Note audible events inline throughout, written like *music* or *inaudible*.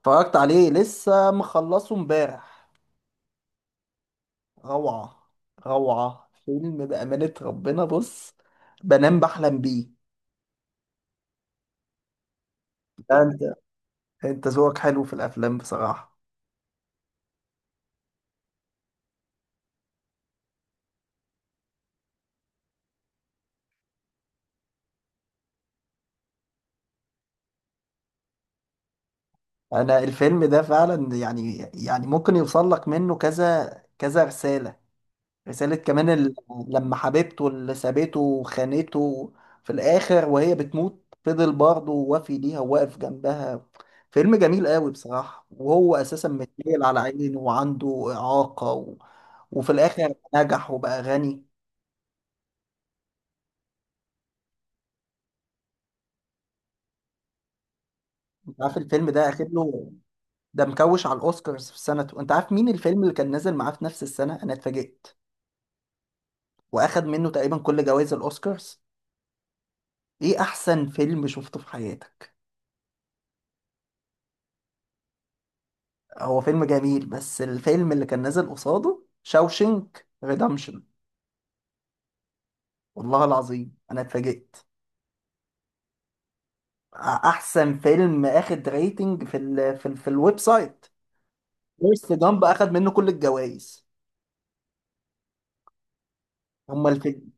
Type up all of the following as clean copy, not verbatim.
اتفرجت عليه، لسه مخلصه امبارح. روعة. روعة فيلم، بأمانة ربنا. بص، بنام بحلم بيه. لا انت، انت ذوقك حلو في الافلام بصراحة. انا الفيلم ده فعلا يعني ممكن يوصل لك منه كذا كذا رسالة رسالة كمان لما حبيبته اللي سابته وخانته في الآخر وهي بتموت، فضل برضه وافي ليها وواقف جنبها. فيلم جميل قوي بصراحة، وهو أساسا متنيل على عينه وعنده إعاقة وفي الآخر نجح وبقى غني. أنت عارف الفيلم ده أخد له، ده مكوش على الأوسكارز في سنته؟ أنت عارف مين الفيلم اللي كان نازل معاه في نفس السنة؟ أنا اتفاجئت. وأخد منه تقريبا كل جوائز الأوسكارز. إيه أحسن فيلم شفته في حياتك؟ هو فيلم جميل، بس الفيلم اللي كان نازل قصاده شاوشنك ريدمشن. والله العظيم انا اتفاجئت. احسن فيلم اخد ريتنج في ال في الويب سايت فورست جامب، اخد منه كل الجوائز. هما الفيلم.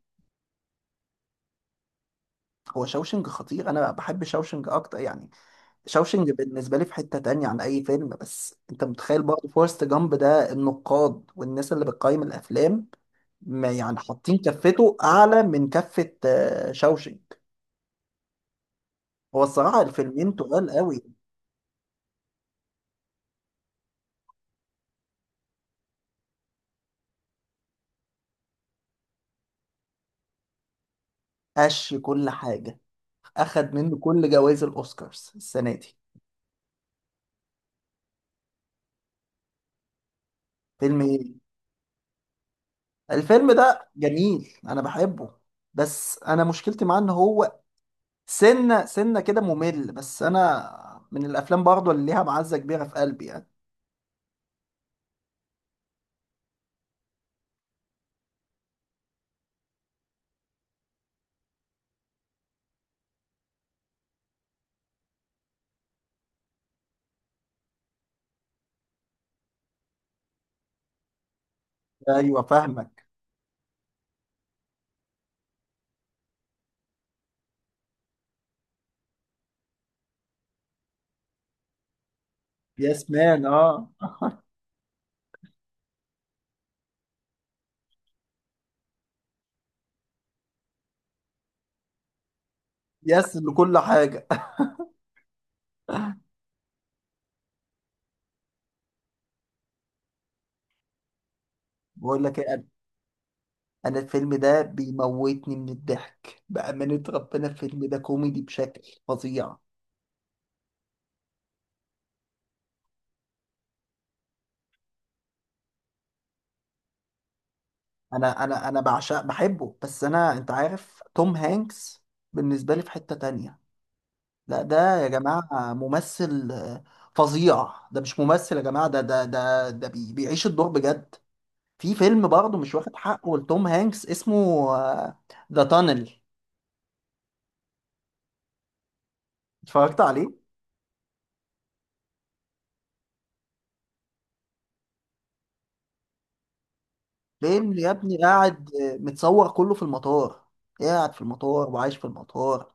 هو شاوشنج خطير، انا بحب شاوشنج اكتر يعني. شاوشنج بالنسبه لي في حته تانية عن اي فيلم، بس انت متخيل برضه فورست جامب ده النقاد والناس اللي بتقيم الافلام ما يعني حاطين كفته اعلى من كفه شاوشنج. هو الصراحة الفيلمين تقال قوي. قش كل حاجة، أخد منه كل جوائز الأوسكارز السنة دي. فيلم إيه؟ الفيلم ده جميل، أنا بحبه. بس أنا مشكلتي معاه إن هو سنة سنة كده ممل، بس أنا من الأفلام برضه اللي ليها معزة كبيرة في قلبي يعني. أيوه، فاهمك. يس مان، أه. يس لكل حاجة. *laughs* بقول لك إيه يا قلبي، أنا الفيلم ده بيموتني من الضحك بأمانة ربنا. الفيلم ده كوميدي بشكل فظيع. انا بعشق بحبه، بس انا انت عارف توم هانكس بالنسبه لي في حته تانية. لا ده يا جماعه ممثل فظيع. ده مش ممثل يا جماعه، ده ده ده ده بي بيعيش الدور بجد. في فيلم برضه مش واخد حقه لتوم هانكس اسمه ذا تانل، اتفرجت عليه؟ فيلم يا ابني قاعد متصور كله في المطار. قاعد في المطار وعايش في المطار.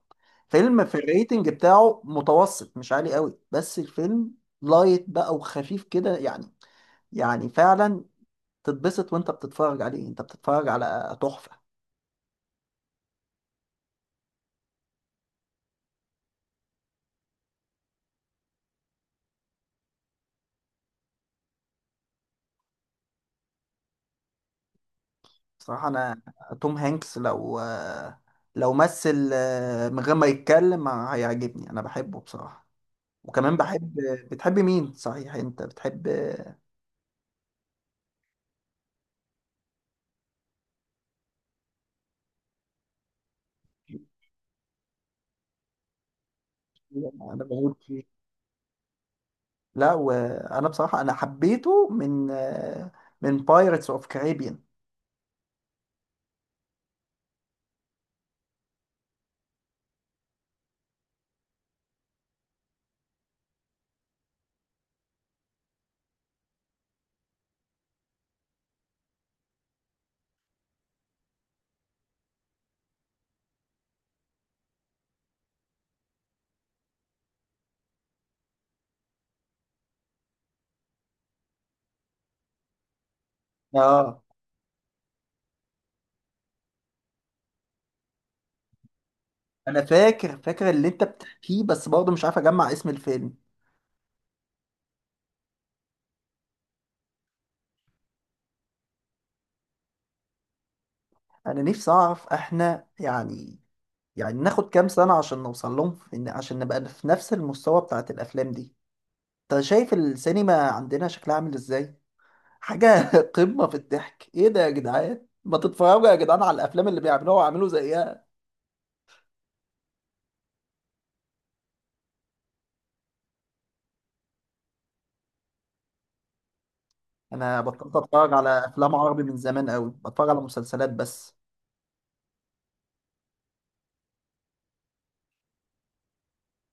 فيلم في الريتنج بتاعه متوسط، مش عالي قوي، بس الفيلم لايت بقى وخفيف كده يعني. يعني فعلا تتبسط وانت بتتفرج عليه، انت بتتفرج على تحفة. صراحة انا توم هانكس لو مثل من غير ما يتكلم هيعجبني، انا بحبه بصراحة. وكمان بحب، بتحب مين صحيح انت بتحب؟ انا بموت فيه. لا وانا بصراحة انا حبيته من بايرتس اوف كاريبيان. اه، انا فاكر اللي انت بتحكيه، بس برضه مش عارف اجمع اسم الفيلم. انا نفسي اعرف، احنا يعني ناخد كام سنة عشان نوصل لهم في إن عشان نبقى في نفس المستوى بتاعت الأفلام دي؟ أنت شايف السينما عندنا شكلها عامل إزاي؟ حاجة *laughs* قمة في الضحك. إيه ده يا جدعان؟ ما تتفرجوا يا جدعان على الأفلام اللي بيعملوها وعملوا زيها. أنا بطلت أتفرج على أفلام عربي من زمان أوي، بتفرج على مسلسلات بس.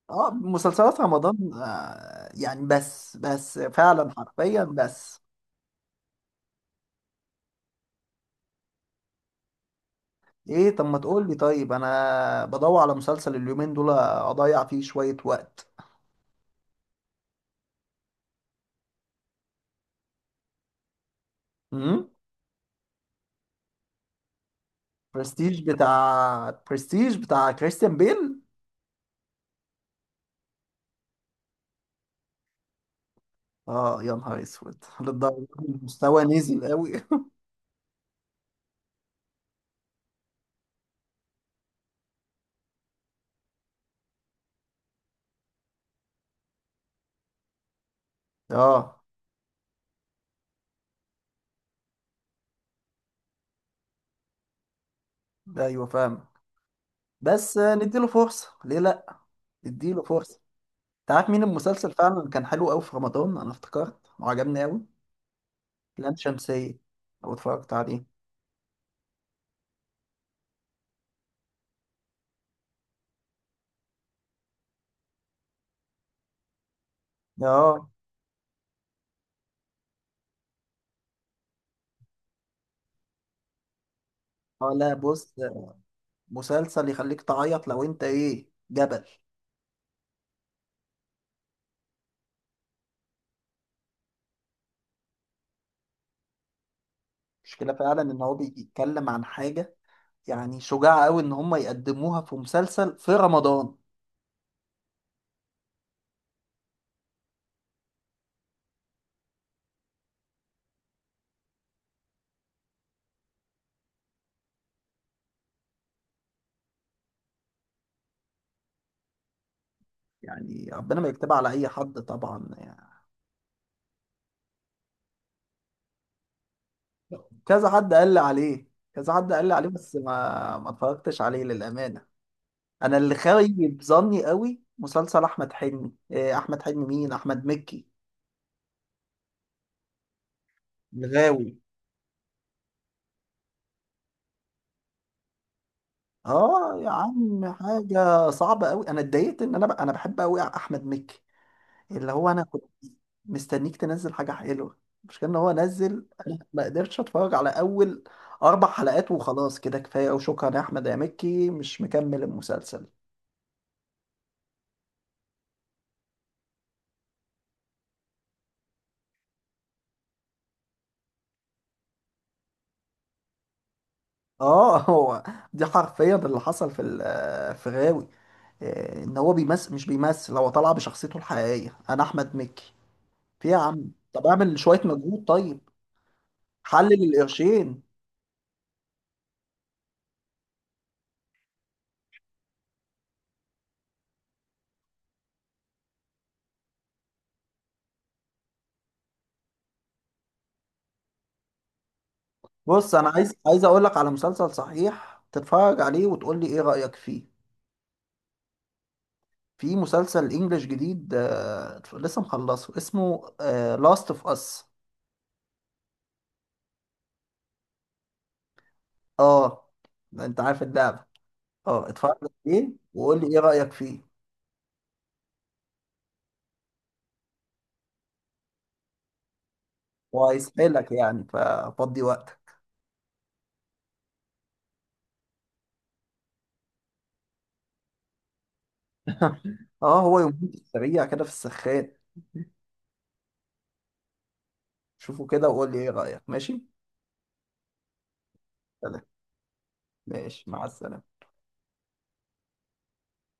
أه مسلسلات رمضان يعني، بس فعلا حرفيا بس. إيه، طب ما تقول لي طيب. أنا بدور على مسلسل اليومين دول أضيع فيه شوية وقت. برستيج؟ بتاع برستيج بتاع كريستيان بيل؟ اه يا نهار اسود، للدرجه دي المستوى نزل قوي! *laughs* اه، ايوه فاهم. بس نديله فرصه، ليه لا، نديله فرصه. انت عارف مين المسلسل فعلا كان حلو قوي في رمضان؟ انا افتكرت وعجبني قوي. لام شمسيه، لو اتفرجت عليه. اه. اه، لا بص، مسلسل يخليك تعيط لو انت ايه، جبل. المشكله فعلا ان هو بيتكلم عن حاجه، يعني شجاعة قوي ان هم يقدموها في مسلسل في رمضان. يعني ربنا ما يكتبها على اي حد طبعا يعني. كذا حد قال لي عليه. كذا حد قال لي عليه بس ما اتفرجتش عليه للامانه. انا اللي خايب ظني قوي مسلسل احمد حلمي، إيه، احمد حلمي مين، احمد مكي، الغاوي. اه يا عم، حاجه صعبه قوي. انا اتضايقت ان انا انا بحب قوي احمد مكي. اللي هو انا كنت مستنيك تنزل حاجه حلوه. مش كان هو نزل؟ انا ما قدرتش اتفرج على اول 4 حلقات، وخلاص كده كفايه وشكرا يا احمد يا مكي، مش مكمل المسلسل. اه *laughs* هو دي حرفيا اللي حصل في في غاوي، ان هو بيمثل، مش بيمثل، هو طالع بشخصيته الحقيقيه انا احمد مكي. في يا عم طب اعمل شويه مجهود طيب، حلل القرشين. بص، انا عايز اقول لك على مسلسل صحيح، تتفرج عليه وتقول لي ايه رايك فيه. في مسلسل انجليش جديد لسه مخلصه اسمه لاست اوف اس. اه، ده انت عارف اللعبه. اه، اتفرج عليه وقول لي ايه رايك فيه. وهيسحلك يعني، ففضي وقتك. *laughs* اه هو يومين في السريع كده في السخان. شوفه كده وقول لي ايه رايك، ماشي؟ سلام، ماشي، مع السلامه.